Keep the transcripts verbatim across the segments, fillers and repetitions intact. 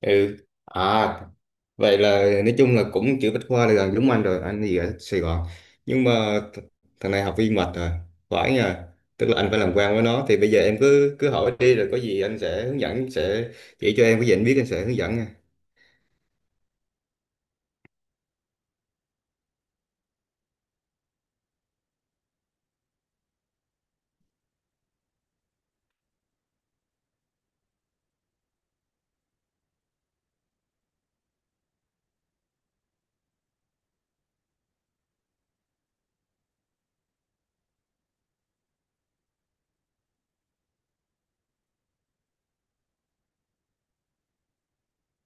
ừ à Vậy là nói chung là cũng chữ Bách Khoa là gần giống anh rồi. Anh thì ở Sài Gòn, nhưng mà th thằng này học viên mệt rồi, phải nha. Tức là anh phải làm quen với nó. Thì bây giờ em cứ cứ hỏi đi, rồi có gì anh sẽ hướng dẫn, sẽ chỉ cho em cái gì anh biết, anh sẽ hướng dẫn nha.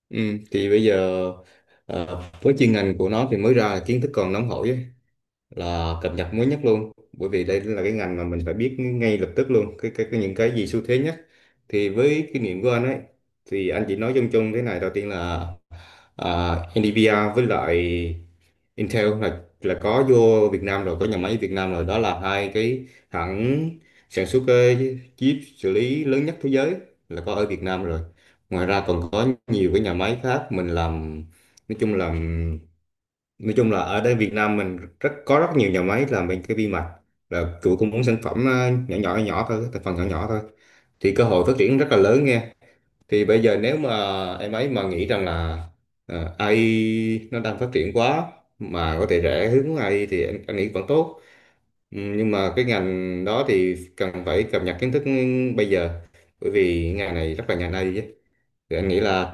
Ừ, thì bây giờ ờ, với chuyên ngành của nó thì mới ra là kiến thức còn nóng hổi á, là cập nhật mới nhất luôn. Bởi vì đây là cái ngành mà mình phải biết ngay lập tức luôn cái, cái, cái những cái gì xu thế nhất. Thì với kinh nghiệm của anh ấy, thì anh chỉ nói chung chung thế này. Đầu tiên là à, en vi đi a với lại in ten là là có vô Việt Nam rồi, có nhà máy Việt Nam rồi. Đó là hai cái hãng sản xuất cái chip xử lý lớn nhất thế giới là có ở Việt Nam rồi. Ngoài ra còn có nhiều cái nhà máy khác mình làm. Nói chung là nói chung là ở đây Việt Nam mình rất có rất nhiều nhà máy làm bên cái vi mạch, là chủ cũng muốn sản phẩm ờ, nhỏ nhỏ nhỏ thôi, thành phần nhỏ nhỏ thôi. Thì cơ hội phát triển rất là lớn nghe. Thì bây giờ nếu mà em ấy mà nghĩ rằng là ờ, A I nó đang phát triển quá, mà có thể rẽ hướng A I, thì em, em nghĩ vẫn tốt. Ừ, nhưng mà cái ngành đó thì cần phải cập nhật kiến thức bây giờ, bởi vì ngành này rất là ngành ây ai chứ. Thì anh nghĩ là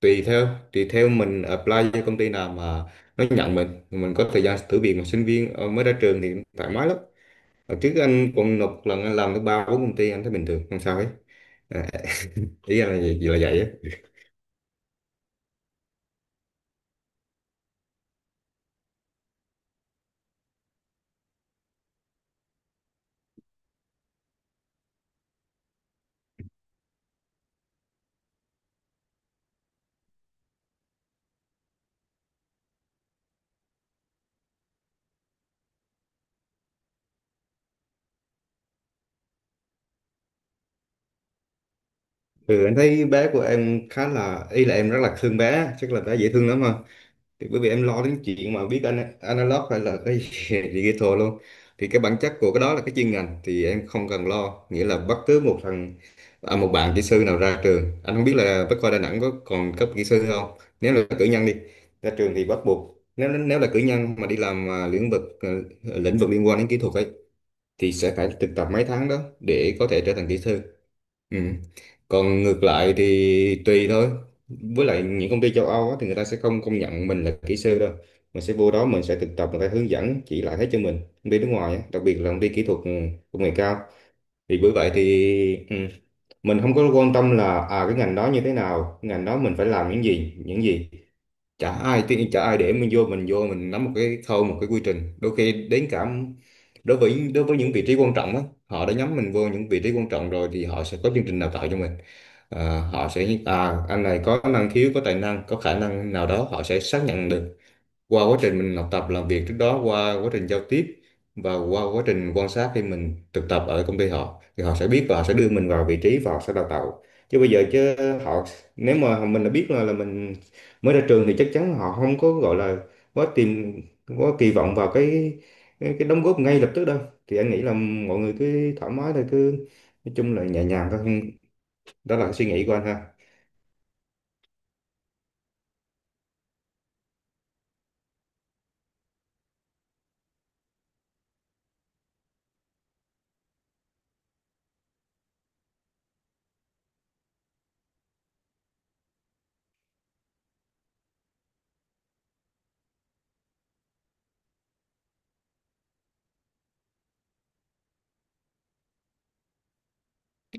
tùy theo tùy theo mình apply cho công ty nào mà nó nhận mình mình có thời gian thử việc. Mà sinh viên ờ, mới ra trường thì thoải mái lắm. Hồi trước anh còn nộp lần anh làm tới ba bốn công ty, anh thấy bình thường không sao hết. à, Ý anh là gì là vậy á. Ừ, anh thấy bé của em khá là, ý là em rất là thương bé, chắc là bé dễ thương lắm ha. Thì bởi vì em lo đến chuyện mà viết ana- analog hay là cái digital luôn, thì cái bản chất của cái đó là cái chuyên ngành thì em không cần lo. Nghĩa là bất cứ một thằng, à, một bạn kỹ sư nào ra trường, anh không biết là Bách Khoa Đà Nẵng có còn cấp kỹ sư không, nếu là cử nhân đi, ra trường thì bắt buộc, nếu nếu là cử nhân mà đi làm à, lĩnh vực, à, lĩnh vực liên quan đến kỹ thuật ấy, thì sẽ phải thực tập mấy tháng đó để có thể trở thành kỹ sư. Ừ. Còn ngược lại thì tùy thôi. Với lại những công ty châu Âu á, thì người ta sẽ không công nhận mình là kỹ sư đâu. Mình sẽ vô đó mình sẽ thực tập, người ta hướng dẫn chỉ lại hết cho mình. Công ty nước ngoài á, đặc biệt là công ty kỹ thuật, ừ, công nghệ cao. Thì bởi vậy thì, ừ, mình không có quan tâm là à cái ngành đó như thế nào, ngành đó mình phải làm những gì, những gì. Chả ai tiên, chả ai để mình vô, mình vô mình nắm một cái khâu, một cái quy trình, đôi khi đến cả, đối với đối với những vị trí quan trọng á, họ đã nhắm mình vô những vị trí quan trọng rồi thì họ sẽ có chương trình đào tạo cho mình. Ờ, họ sẽ, à anh này có năng khiếu, có tài năng, có khả năng nào đó, họ sẽ xác nhận được qua quá trình mình học tập làm việc trước đó, qua quá trình giao tiếp và qua quá trình quan sát khi mình thực tập ở công ty họ, thì họ sẽ biết và họ sẽ đưa mình vào vị trí và họ sẽ đào tạo. Chứ bây giờ chứ họ, nếu mà mình đã biết là, là mình mới ra trường, thì chắc chắn họ không có gọi là quá tìm quá kỳ vọng vào cái cái đóng góp ngay lập tức đâu. Thì anh nghĩ là mọi người cứ thoải mái thôi, cứ nói chung là nhẹ nhàng thôi. Đó là cái suy nghĩ của anh ha.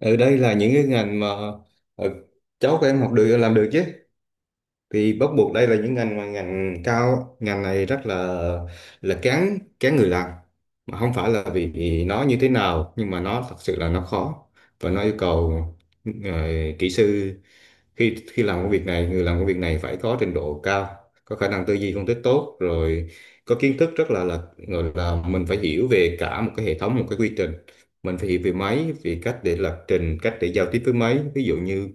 Ở đây là những cái ngành mà ờ, cháu của em học được, làm được chứ. Thì bắt buộc đây là những ngành mà ngành cao, ngành này rất là là kén kén người làm. Mà không phải là vì vì nó như thế nào, nhưng mà nó thật sự là nó khó và nó yêu cầu ờ, kỹ sư, khi khi làm công việc này, người làm công việc này phải có trình độ cao, có khả năng tư duy phân tích tốt, rồi có kiến thức rất là là gọi là mình phải hiểu về cả một cái hệ thống, một cái quy trình. Mình phải hiểu về máy, về cách để lập trình, cách để giao tiếp với máy. Ví dụ như,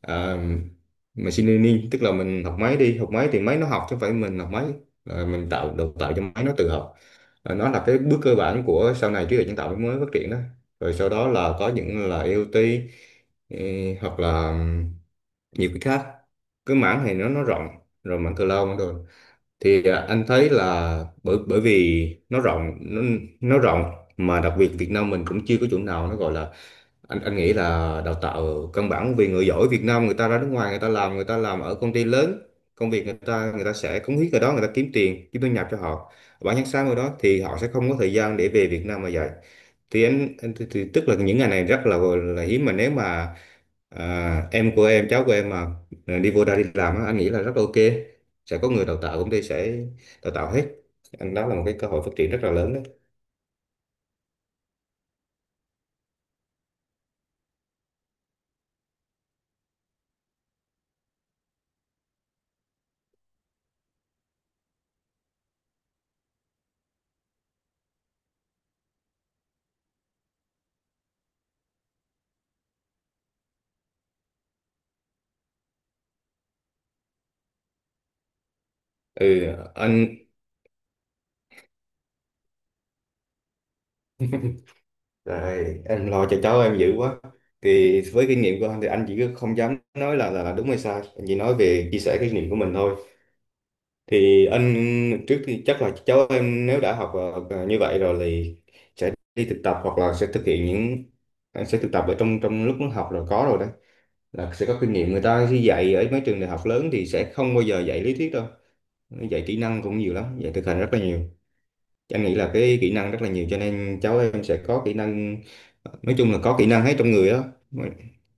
ờ, mình machine learning, tức là mình học máy. Đi học máy thì máy nó học chứ không phải mình học máy. Ờ, mình tạo đào tạo cho máy nó tự học. Ờ, nó là cái bước cơ bản của sau này trí tuệ nhân tạo mới phát triển đó. Rồi sau đó là có những là ai âu ti, ừ, hoặc là nhiều cái khác. Cái mảng này nó nó rộng, rồi mảng cloud, mảng rồi. Thì à, anh thấy là bởi bởi vì nó rộng, nó, nó rộng, mà đặc biệt Việt Nam mình cũng chưa có chỗ nào nó gọi là, anh anh nghĩ là đào tạo căn bản, vì người giỏi Việt Nam người ta ra nước ngoài người ta làm, người ta làm ở công ty lớn, công việc người ta, người ta sẽ cống hiến ở đó, người ta kiếm tiền kiếm thu nhập cho họ, bản thân sáng ở đó, thì họ sẽ không có thời gian để về Việt Nam mà dạy. Thì anh, anh thì, thì tức là những ngày này rất là là hiếm. Mà nếu mà à, em của em, cháu của em mà à, đi vô đây đi làm á, anh nghĩ là rất là ok. Sẽ có người đào tạo, công ty sẽ đào tạo hết. Anh, đó là một cái cơ hội phát triển rất là lớn đấy. Ừ anh. Rồi, em lo cho cháu em dữ quá. Thì với kinh nghiệm của anh thì anh chỉ không dám nói là, là, là đúng hay sai. Anh chỉ nói về chia sẻ kinh nghiệm của mình thôi. Thì anh trước, thì chắc là cháu em nếu đã học ờ, ờ, như vậy rồi thì sẽ đi thực tập hoặc là sẽ thực hiện những, sẽ thực tập ở trong trong lúc nó học rồi, có rồi đấy, là sẽ có kinh nghiệm. Người ta khi dạy ở mấy trường đại học lớn thì sẽ không bao giờ dạy lý thuyết đâu, dạy kỹ năng cũng nhiều lắm, dạy thực hành rất là nhiều. Em nghĩ là cái kỹ năng rất là nhiều, cho nên cháu em sẽ có kỹ năng, nói chung là có kỹ năng hết trong người đó,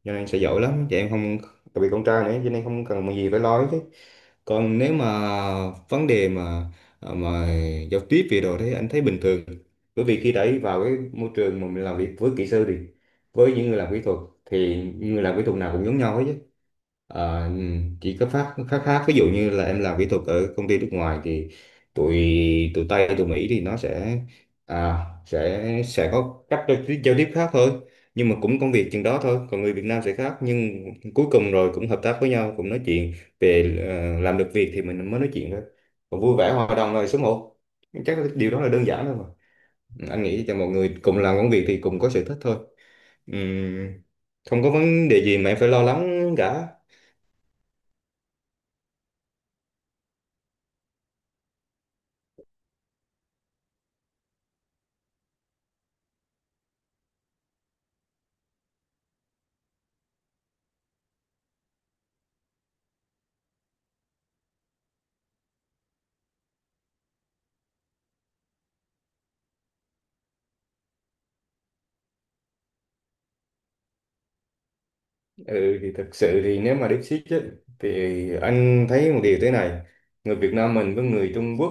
cho nên sẽ giỏi lắm chị em không, đặc biệt con trai nữa, cho nên không cần gì phải lo hết. Còn nếu mà vấn đề mà à, mà giao tiếp về đồ thế anh thấy bình thường, bởi vì khi đã vào cái môi trường mà mình làm việc với kỹ sư thì, với những người làm kỹ thuật, thì người làm kỹ thuật nào cũng giống nhau hết. Ờ, chỉ có phát khác khác, ví dụ như là em làm kỹ thuật ở công ty nước ngoài thì tụi tụi Tây tụi Mỹ thì nó sẽ à, sẽ sẽ có cách giao tiếp giao tiếp khác thôi, nhưng mà cũng công việc chừng đó thôi, còn người Việt Nam sẽ khác, nhưng cuối cùng rồi cũng hợp tác với nhau, cũng nói chuyện về ờ, làm được việc thì mình mới nói chuyện thôi, còn vui vẻ hòa đồng rồi số một. Chắc là điều đó là đơn giản thôi mà, anh nghĩ cho mọi người cùng làm công việc thì cùng có sở thích thôi. Ừm, Không có vấn đề gì mà em phải lo lắng cả. Ừ, thì thật sự thì nếu mà deep seek ấy, thì anh thấy một điều thế này: người Việt Nam mình với người Trung Quốc,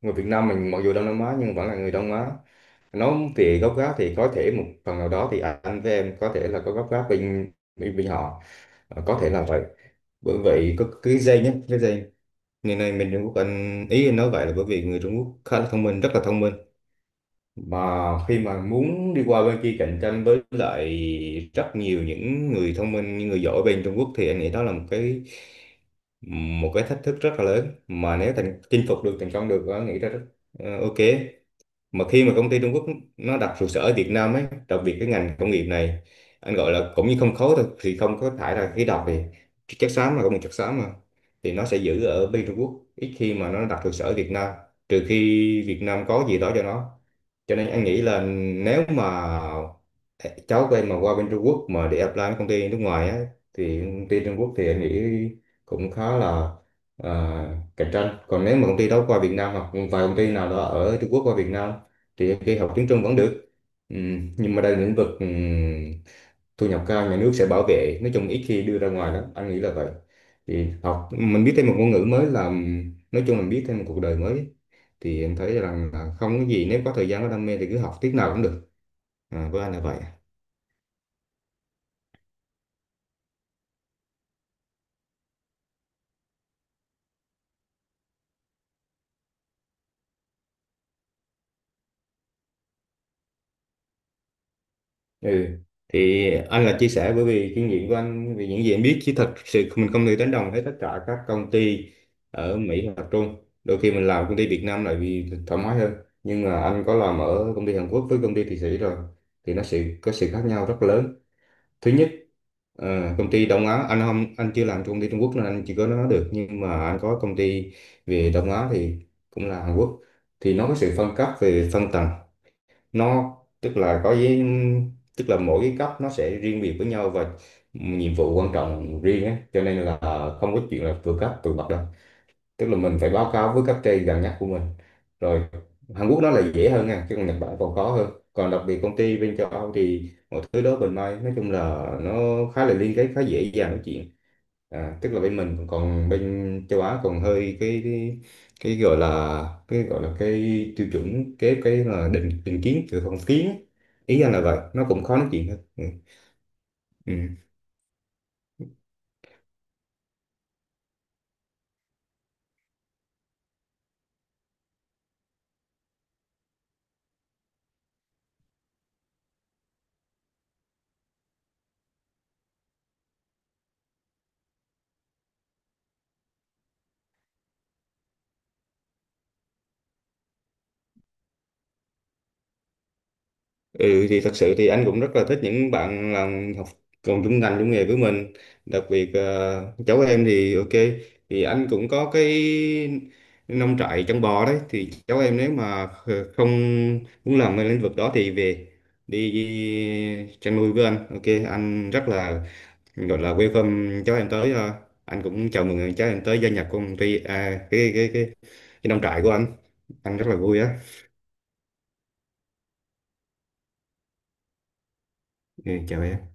người Việt Nam mình mặc dù Đông Nam Á nhưng vẫn là người Đông Á, nó thì gốc gác thì có thể một phần nào đó, thì anh với em có thể là có gốc gác bên bên, bên họ. Ờ, có thể là vậy, bởi vậy có cái dây nhé, cái dây ngày nay mình Trung Quốc. Anh ý anh nói vậy là bởi vì người Trung Quốc khá là thông minh, rất là thông minh, mà khi mà muốn đi qua bên kia cạnh tranh với lại rất nhiều những người thông minh những người giỏi bên Trung Quốc, thì anh nghĩ đó là một cái, một cái thách thức rất là lớn, mà nếu thành chinh phục được, thành công được, anh nghĩ ra rất ờ, ok. Mà khi mà công ty Trung Quốc nó đặt trụ sở ở Việt Nam ấy, đặc biệt cái ngành công nghiệp này, anh gọi là cũng như không khói thôi, thì không có thải ra khí độc, thì chất xám mà, công nghiệp chất xám mà, thì nó sẽ giữ ở bên Trung Quốc, ít khi mà nó đặt trụ sở ở Việt Nam, trừ khi Việt Nam có gì đó cho nó. Cho nên anh nghĩ là nếu mà cháu của em mà qua bên Trung Quốc mà để apply với công ty nước ngoài á, thì công ty Trung Quốc thì anh nghĩ cũng khá là à, cạnh tranh. Còn nếu mà công ty đó qua Việt Nam, hoặc vài công ty nào đó ở Trung Quốc qua Việt Nam, thì em nghĩ học tiếng Trung vẫn được. Ừm, nhưng mà đây là lĩnh vực ừm, thu nhập cao, nhà nước sẽ bảo vệ, nói chung ít khi đưa ra ngoài lắm, anh nghĩ là vậy. Thì học, mình biết thêm một ngôn ngữ mới là, nói chung mình biết thêm một cuộc đời mới, thì em thấy rằng là không có gì, nếu có thời gian có đam mê thì cứ học tiết nào cũng được, à, với anh là vậy. Ừ. Thì anh là chia sẻ bởi vì kinh nghiệm của anh, vì những gì anh biết, chứ thật sự mình không thể đánh đồng hết tất cả các công ty ở Mỹ hoặc Trung. Đôi khi mình làm công ty Việt Nam lại vì thoải mái hơn, nhưng mà anh có làm ở công ty Hàn Quốc với công ty Thụy Sĩ rồi, thì nó sự có sự khác nhau rất lớn. Thứ nhất, ờ, công ty Đông Á, anh không, anh chưa làm cho công ty Trung Quốc nên anh chỉ có nói được, nhưng mà anh có công ty về Đông Á thì cũng là Hàn Quốc, thì nó có sự phân cấp về phân tầng. Nó tức là có với, tức là mỗi cái cấp nó sẽ riêng biệt với nhau, và nhiệm vụ quan trọng riêng á, cho nên là không có chuyện là vượt cấp vượt bậc đâu, tức là mình phải báo cáo với cấp trên gần nhất của mình rồi. Hàn Quốc nó là dễ hơn nha, chứ còn Nhật Bản còn khó hơn, còn đặc biệt công ty bên châu Âu thì mọi thứ đó mình may, nói chung là nó khá là liên kết, khá dễ dàng nói chuyện. À, tức là bên mình, còn bên châu Á còn hơi cái cái, cái gọi là, cái gọi là cái tiêu chuẩn, cái cái là định định kiến từ phong kiến, ý anh là vậy, nó cũng khó nói chuyện hơn ừ. Ừ. Ừ, thì thật sự thì anh cũng rất là thích những bạn làm học cùng chung ngành chung nghề với mình, đặc biệt ờ, cháu em thì ok, thì anh cũng có cái nông trại chăn bò đấy, thì cháu em nếu mà kh- không muốn làm cái lĩnh vực đó thì về đi chăn nuôi với anh, ok, anh rất là gọi là welcome cháu em tới, ờ, anh cũng chào mừng cháu em tới gia nhập công ty, à, cái, cái cái cái nông trại của anh anh rất là vui á. Ừ, chào em.